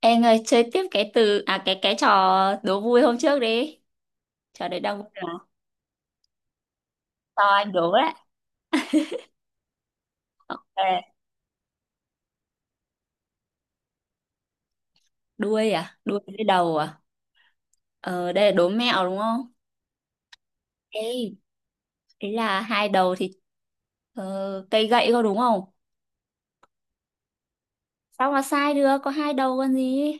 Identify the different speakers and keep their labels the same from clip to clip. Speaker 1: Em ơi, chơi tiếp cái từ à cái trò đố vui hôm trước đi. Trò đấy đang vui lắm. Cho anh đố đấy. Ờ, Đuôi à? Đuôi với đầu à? Ờ, đây là đố mẹo đúng không? Ê, Ý là hai đầu thì cây gậy có đúng không? Sao mà sai được, có hai đầu còn gì?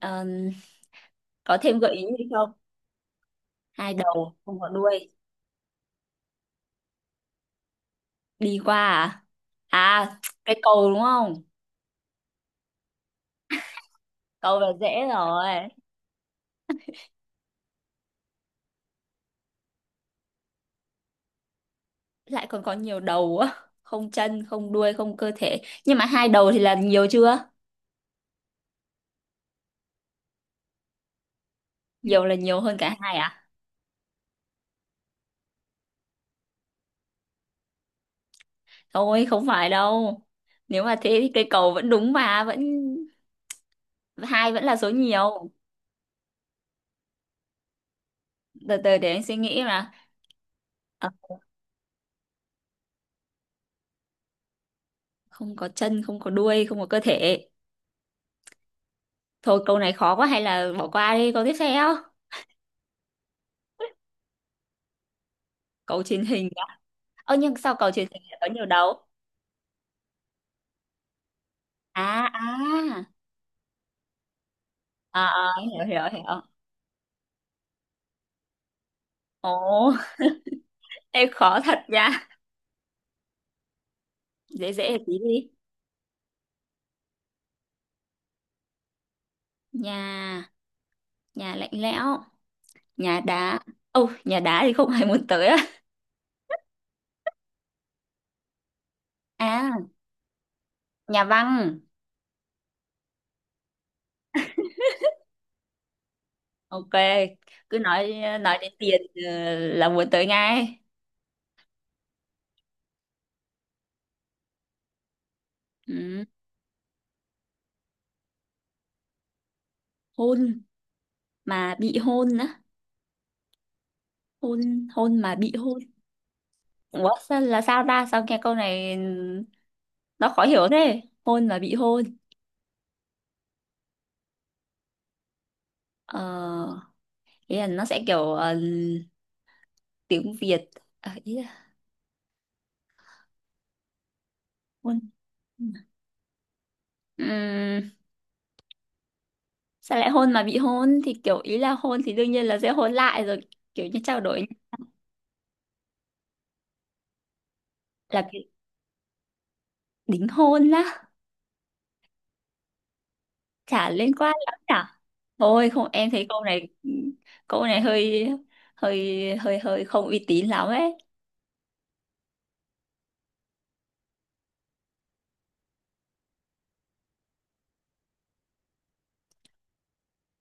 Speaker 1: Ờ, có thêm gợi ý gì không? Hai đầu không có đuôi. Đi qua à? À, cái cầu đúng không? Cầu là dễ rồi. Lại còn có nhiều đầu á, không chân không đuôi không cơ thể, nhưng mà hai đầu thì là nhiều chưa? Nhiều là nhiều hơn cả hai à? Thôi không phải đâu, nếu mà thế thì cây cầu vẫn đúng mà, vẫn hai vẫn là số nhiều. Từ từ để anh suy nghĩ mà. Ờ, Không có chân không có đuôi không có cơ thể, thôi câu này khó quá hay là bỏ qua đi câu tiếp theo. Cầu truyền hình á. Ơ nhưng sao cầu truyền hình lại có nhiều đầu? À à à, à, hiểu hiểu hiểu. Ồ, em khó thật nha. Dễ dễ tí đi. Nhà Nhà lạnh lẽo, nhà đá. Ô nhà đá thì không ai muốn tới á. À, nhà văn. Ok, cứ nói. Nói đến tiền là muốn tới ngay. Ừ. Hôn mà bị hôn á? Hôn Hôn mà bị hôn. Ủa sao, là sao ta, sao nghe câu này ừ, nó khó hiểu thế? Hôn mà bị hôn. Ờ, ý là nó sẽ kiểu tiếng Việt. Ờ, ý là hôn. Ừm, Sao lại hôn mà bị hôn, thì kiểu ý là hôn thì đương nhiên là sẽ hôn lại rồi, kiểu như trao đổi. Là cái đính hôn á? Chả liên quan lắm cả. Thôi không, em thấy câu này, câu này hơi hơi không uy tín lắm ấy.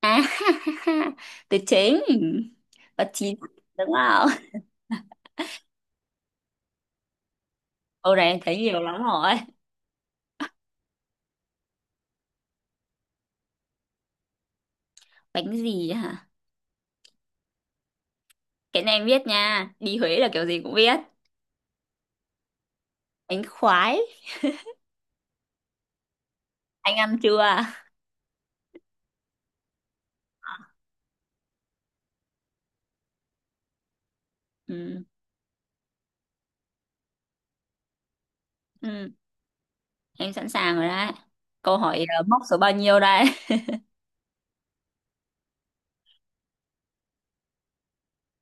Speaker 1: À, từ chính và chín đúng không? Câu này em thấy nhiều lắm rồi. Bánh gì hả? Cái này em biết nha, đi Huế là kiểu gì cũng biết. Bánh khoái. Anh ăn chưa? Ừ. Ừ. Em sẵn sàng rồi đấy. Câu hỏi móc số bao nhiêu đây?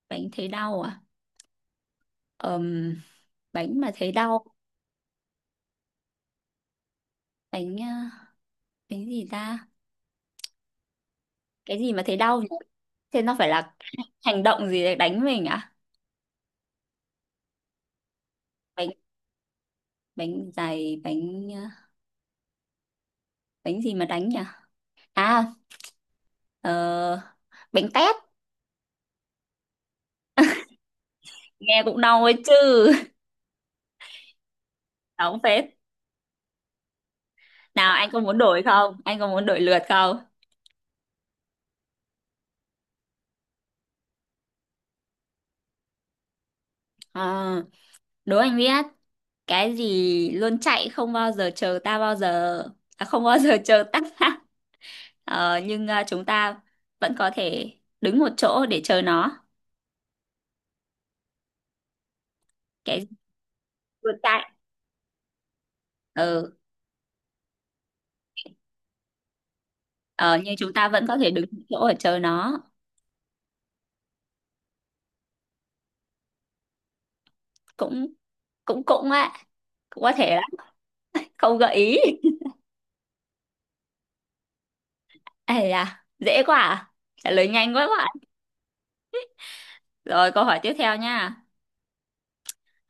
Speaker 1: Bánh thấy đau à? Ờm, Bánh mà thấy đau. Bánh bánh gì ta? Cái gì mà thấy đau nhỉ? Thế nó phải là hành động gì để đánh mình à? Bánh bánh dày, bánh bánh gì mà đánh nhỉ? À, ờ, bánh tét. Nghe cũng đau ấy chứ. Đau phết. Nào anh có muốn đổi không? Anh có muốn đổi lượt không? À, đố anh biết. Cái gì luôn chạy không bao giờ chờ ta bao giờ. À, không bao giờ chờ ta. Ờ, nhưng chúng ta vẫn có thể đứng một chỗ để chờ nó. cái Vượt chạy. Ừ. Ờ, nhưng chúng ta vẫn có thể đứng một chỗ để chờ nó. Cũng cũng cũng á, cũng có thể đấy. Không gợi ý. Ây da, dễ quá à? Trả lời nhanh quá quá. Rồi câu hỏi tiếp theo nha.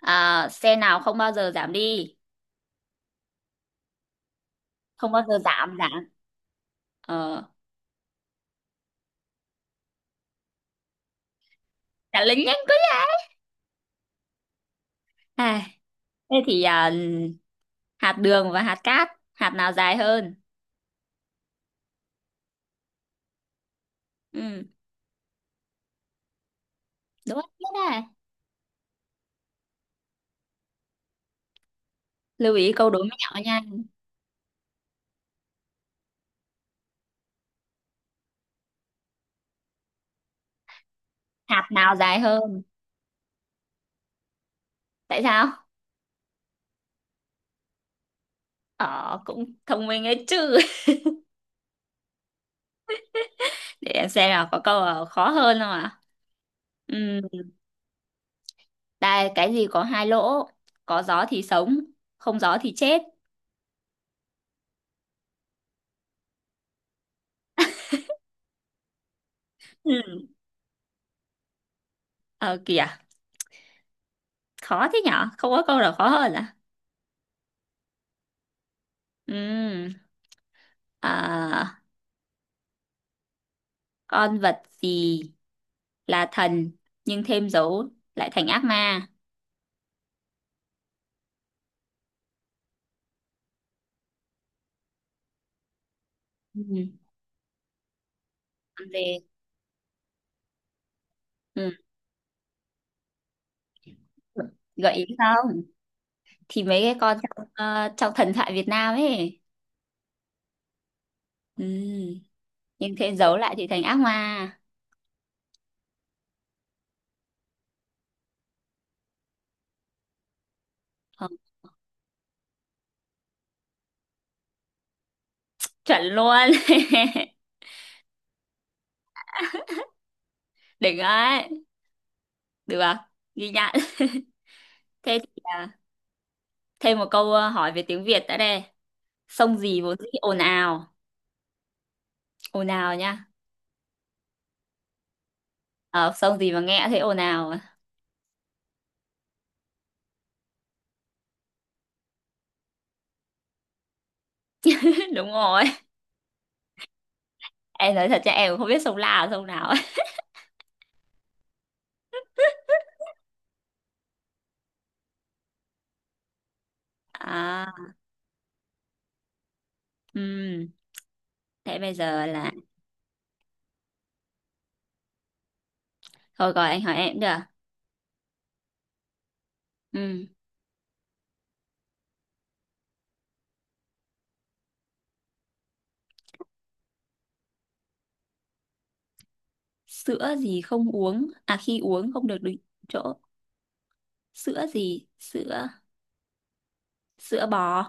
Speaker 1: À, xe nào không bao giờ giảm đi? Không bao giờ giảm giảm. Ờ, trả lời nhanh quá nhỉ. À, thế thì à, hạt đường và hạt cát, hạt nào dài hơn? Ừ. Đúng rồi. À, lưu ý câu đố mẹo nha. Hạt nào dài hơn? Tại sao? Ờ, cũng thông minh ấy chứ. Để em xem nào có câu nào khó hơn không ạ? Ừm, Đây, cái gì có hai lỗ? Có gió thì sống, không gió thì chết. Ừ. Ờ kìa, khó thế nhở? Không có câu nào khó hơn à? Ừm, à, con vật gì là thần nhưng thêm dấu lại thành ác ma? Ừm, con gì? Ừm, Gợi ý không? Thì mấy cái con trong, trong thần thoại Việt Nam ấy. Ừm. Nhưng thế giấu lại thì thành ác ma. Ờ, chuẩn luôn. Đỉnh ấy. Được à? Ghi nhận. Thế thì à, thêm một câu hỏi về tiếng Việt đã đây. Sông gì vốn dĩ ồn ào, ồn ào nhá. Ờ, sông gì mà nghe thấy ồn ào? Đúng rồi. Em nói thật cho em cũng không biết sông là sông nào ấy. À, ừm, thế bây giờ là thôi gọi anh hỏi em được. Ừm, sữa gì không uống à, khi uống không được đứng chỗ? Sữa gì? Sữa Sữa bò.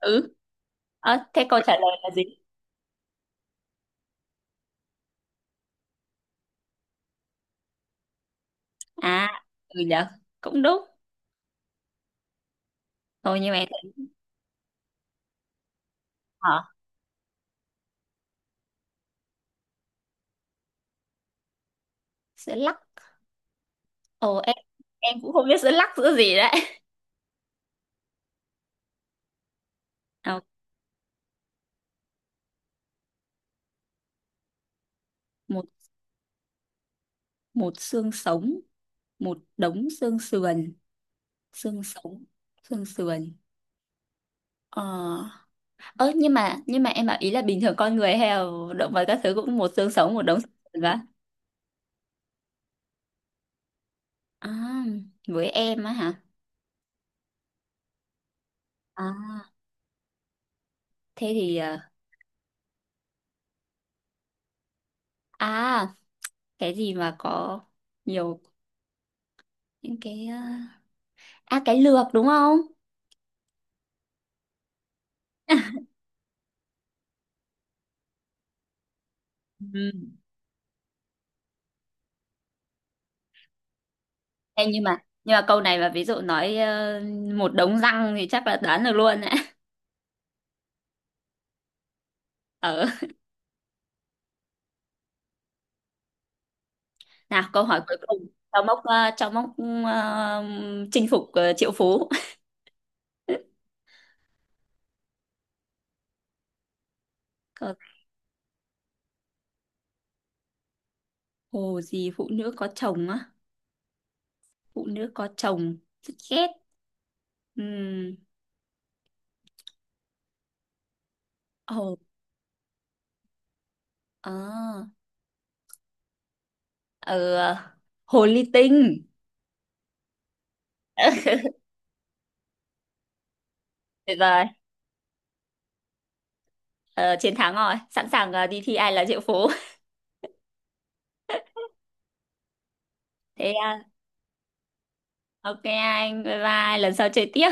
Speaker 1: Ừ. Ờ, thế câu trả lời là gì? À, ừ dạ, cũng đúng. Thôi như vậy thì hả, sẽ lắc. Ồ em cũng không biết sẽ lắc giữa gì đấy. Nào, một một xương sống một đống xương sườn. Xương sống, xương sườn. Ờ, ơ nhưng mà, em bảo ý là bình thường con người hay là động vật các thứ cũng một xương sống một đống xương sườn và. À, với em á hả? À, thế thì à, cái gì mà có nhiều những cái à, cái lược đúng không? Ê, nhưng mà, nhưng mà câu này mà ví dụ nói một đống răng thì chắc là đoán được luôn đấy. Ở, nào câu hỏi cuối cùng cho mốc, cho mốc, ờ, chinh phục, triệu phú. Cờ- Hồ gì phụ nữ có chồng á? Phụ nữ có chồng rất ghét. Ừm, Hồ, ờ ờ, hồ ly tinh. Tuyệt vời. Ờ, chiến thắng rồi, sẵn sàng đi thi ai là triệu phú. Thế à, ok anh, bye bye, lần sau chơi tiếp.